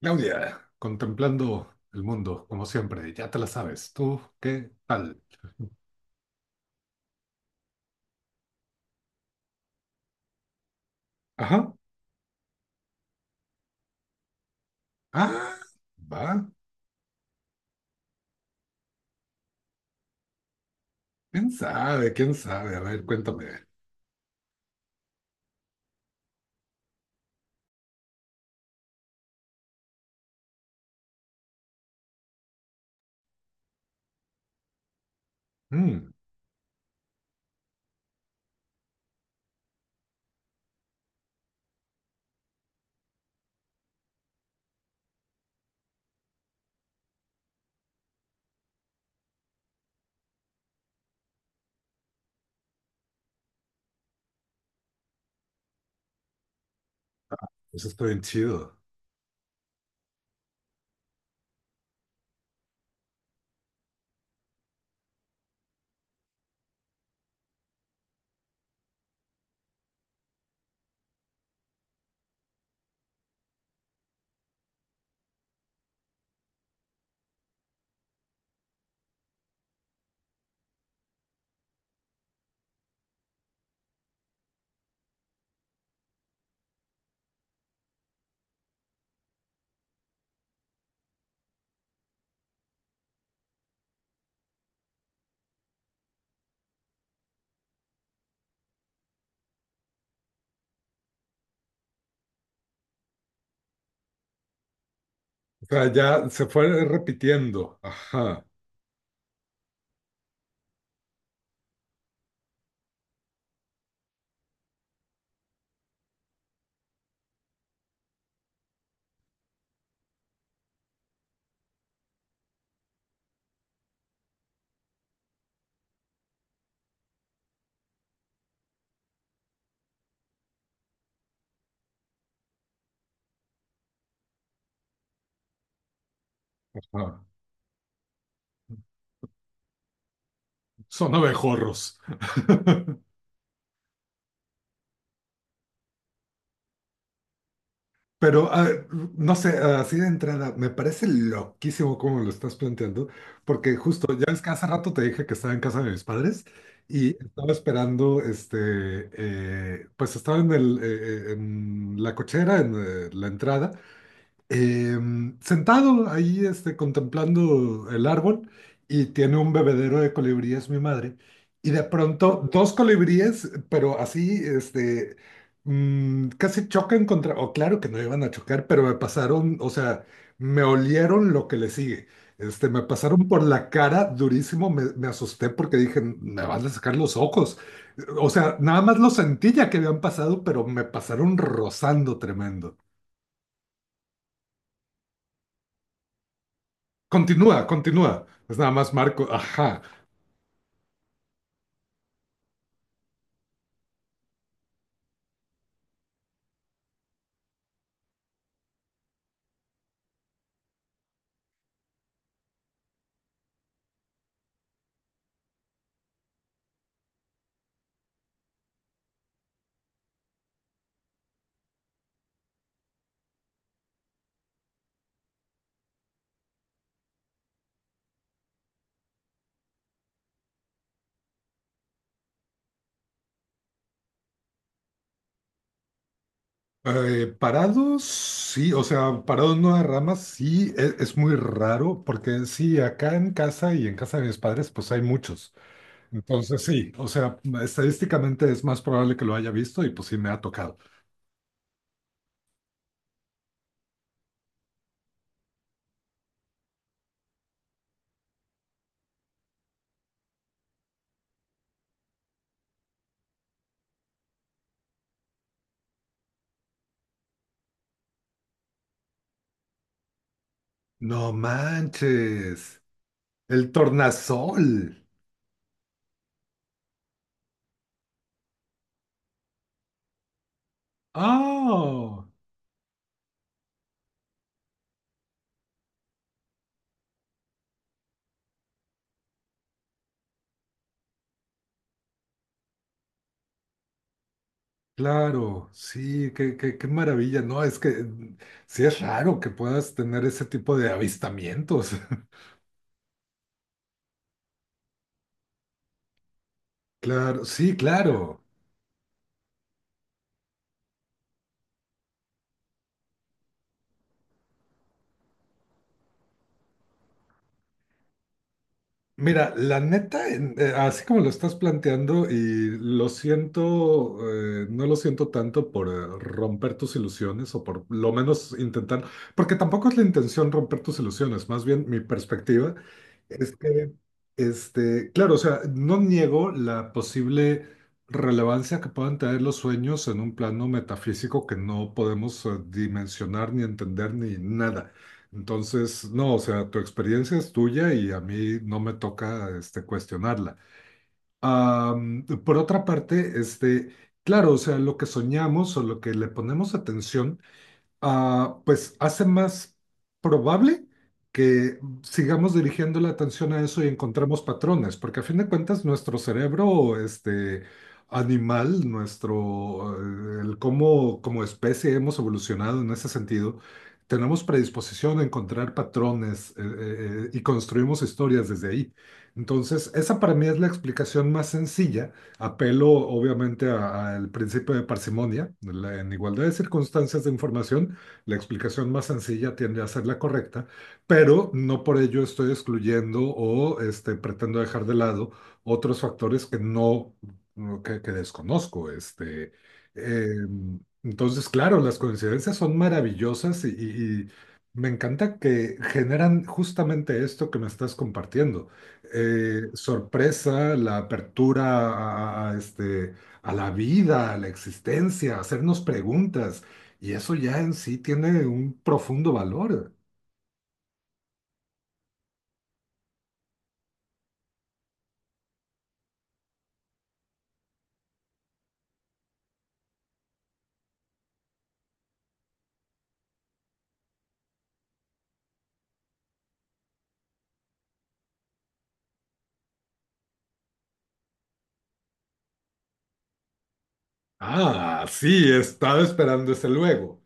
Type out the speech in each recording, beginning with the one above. Claudia, contemplando el mundo, como siempre, ya te la sabes. ¿Tú qué tal? Ajá. Ah, va. ¿Quién sabe? ¿Quién sabe? A ver, cuéntame. Mm, Eso está bien chido. O sea, ya se fue repitiendo. Ajá, ajá. Son abejorros. Pero, ah, no sé, así de entrada, me parece loquísimo cómo lo estás planteando, porque justo, ya ves que hace rato te dije que estaba en casa de mis padres y estaba esperando, este, pues estaba en la cochera, en la entrada, sentado ahí este, contemplando el árbol y tiene un bebedero de colibríes mi madre. Y de pronto dos colibríes, pero así, este, casi chocan contra, o claro que no iban a chocar, pero me pasaron, o sea, me olieron lo que le sigue. Este, me pasaron por la cara durísimo, me asusté porque dije, me van a sacar los ojos. O sea, nada más lo sentí ya que habían pasado, pero me pasaron rozando tremendo. Continúa, continúa. Es nada más Marco. Ajá. Parados, sí. O sea, parados en ramas, ramas, sí. Es, muy raro porque sí, acá en casa y en casa de mis padres, pues hay muchos. Entonces sí, o sea, estadísticamente es más probable que lo haya visto y pues sí me ha tocado. No manches. El tornasol. Ah, claro. Sí, qué, qué, qué maravilla. No, es que sí es raro que puedas tener ese tipo de avistamientos. Claro, sí, claro. Mira, la neta, así como lo estás planteando, y lo siento, no lo siento tanto por romper tus ilusiones o por lo menos intentar, porque tampoco es la intención romper tus ilusiones, más bien mi perspectiva es que, este, claro, o sea, no niego la posible relevancia que puedan tener los sueños en un plano metafísico que no podemos dimensionar ni entender ni nada. Entonces, no, o sea, tu experiencia es tuya y a mí no me toca este, cuestionarla. Por otra parte, este, claro, o sea, lo que soñamos o lo que le ponemos atención ah, pues hace más probable que sigamos dirigiendo la atención a eso y encontremos patrones, porque a fin de cuentas nuestro cerebro, este animal, nuestro, el cómo como especie hemos evolucionado en ese sentido, tenemos predisposición a encontrar patrones y construimos historias desde ahí. Entonces, esa para mí es la explicación más sencilla. Apelo obviamente al principio de parsimonia, en igualdad de circunstancias de información la explicación más sencilla tiende a ser la correcta, pero no por ello estoy excluyendo o este, pretendo dejar de lado otros factores que no, que desconozco. Este, eh, entonces, claro, las coincidencias son maravillosas y me encanta que generan justamente esto que me estás compartiendo. Sorpresa, la apertura a, este, a la vida, a la existencia, hacernos preguntas. Y eso ya en sí tiene un profundo valor. Ah, sí, estaba esperando ese luego.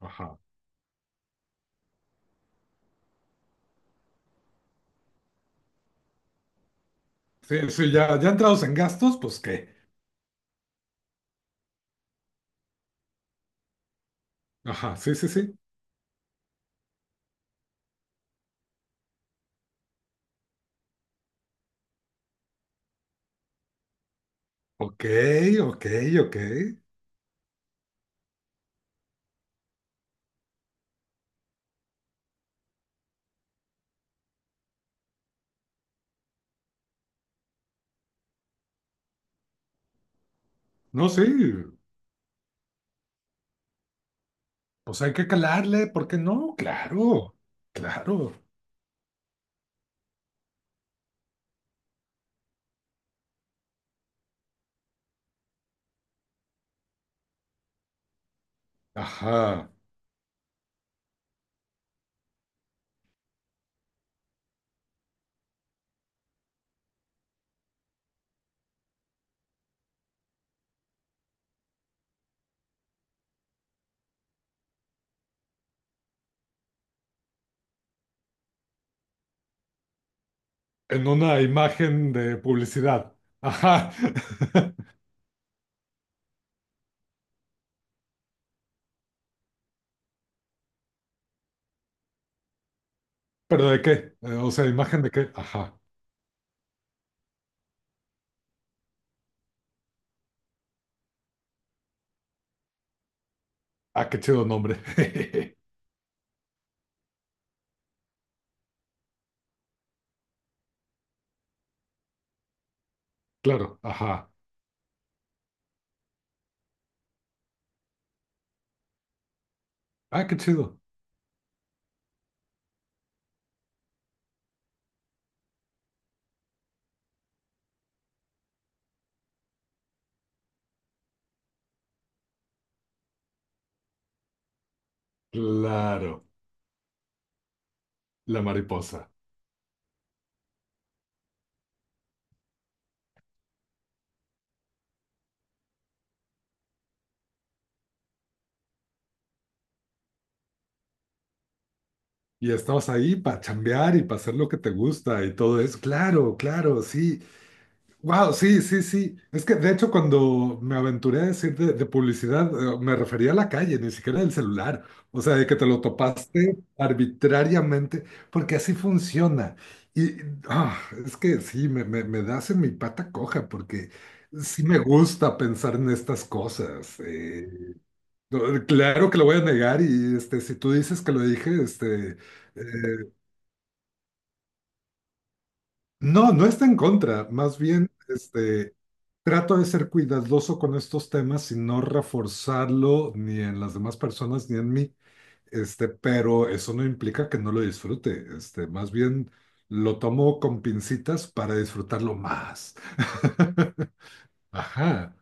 Ajá. Sí, sí, ya, ya entrados en gastos, pues qué. Ajá, sí, sí, sí. Ok, ok, ok. No, sí, pues hay que calarle, ¿por qué no? Claro, claro. Ajá. En una imagen de publicidad. Ajá. ¿Pero de qué? O sea, ¿imagen de qué? Ajá. Ah, qué chido nombre. Claro, ajá. Ah, qué chido. Claro, la mariposa. Y estabas ahí para chambear y para hacer lo que te gusta y todo eso. Claro, claro, sí. Wow, sí, sí, sí. Es que de hecho cuando me aventuré a decir de publicidad, me refería a la calle, ni siquiera del celular. O sea, de que te lo topaste arbitrariamente, porque así funciona. Y ah, es que sí, me das en mi pata coja, porque sí me gusta pensar en estas cosas. No, claro que lo voy a negar y este, si tú dices que lo dije, este, eh, no, no está en contra, más bien este, trato de ser cuidadoso con estos temas y no reforzarlo ni en las demás personas ni en mí, este, pero eso no implica que no lo disfrute, este, más bien lo tomo con pincitas para disfrutarlo más. Ajá.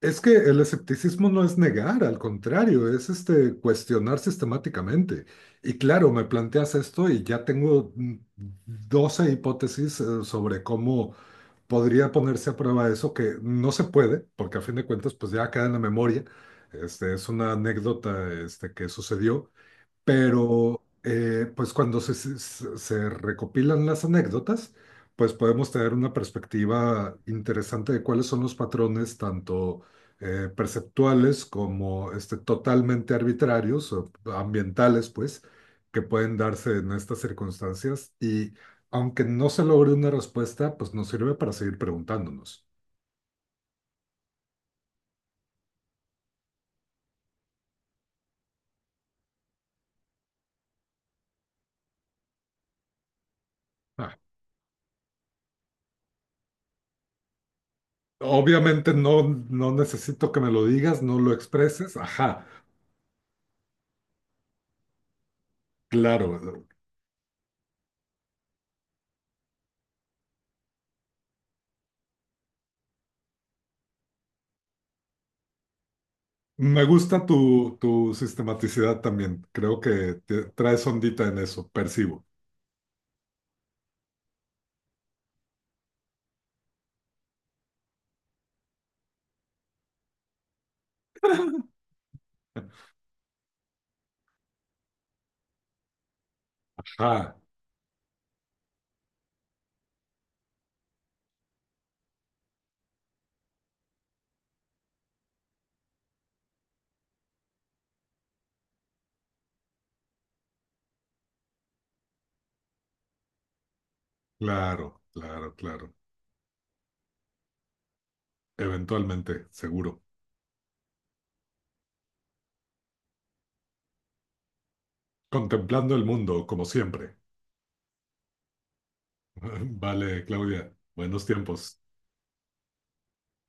Es que el escepticismo no es negar, al contrario, es este cuestionar sistemáticamente. Y claro, me planteas esto y ya tengo 12 hipótesis sobre cómo podría ponerse a prueba eso, que no se puede, porque a fin de cuentas pues ya queda en la memoria. Este, es una anécdota este, que sucedió, pero pues cuando se recopilan las anécdotas, pues podemos tener una perspectiva interesante de cuáles son los patrones, tanto perceptuales como este, totalmente arbitrarios o ambientales, pues, que pueden darse en estas circunstancias. Y aunque no se logre una respuesta, pues nos sirve para seguir preguntándonos. Ah, obviamente no, no necesito que me lo digas, no lo expreses, ajá. Claro, me gusta tu sistematicidad también. Creo que traes ondita en eso, percibo. Ajá, claro, claro, claro. Eventualmente, seguro. Contemplando el mundo, como siempre. Vale, Claudia, buenos tiempos.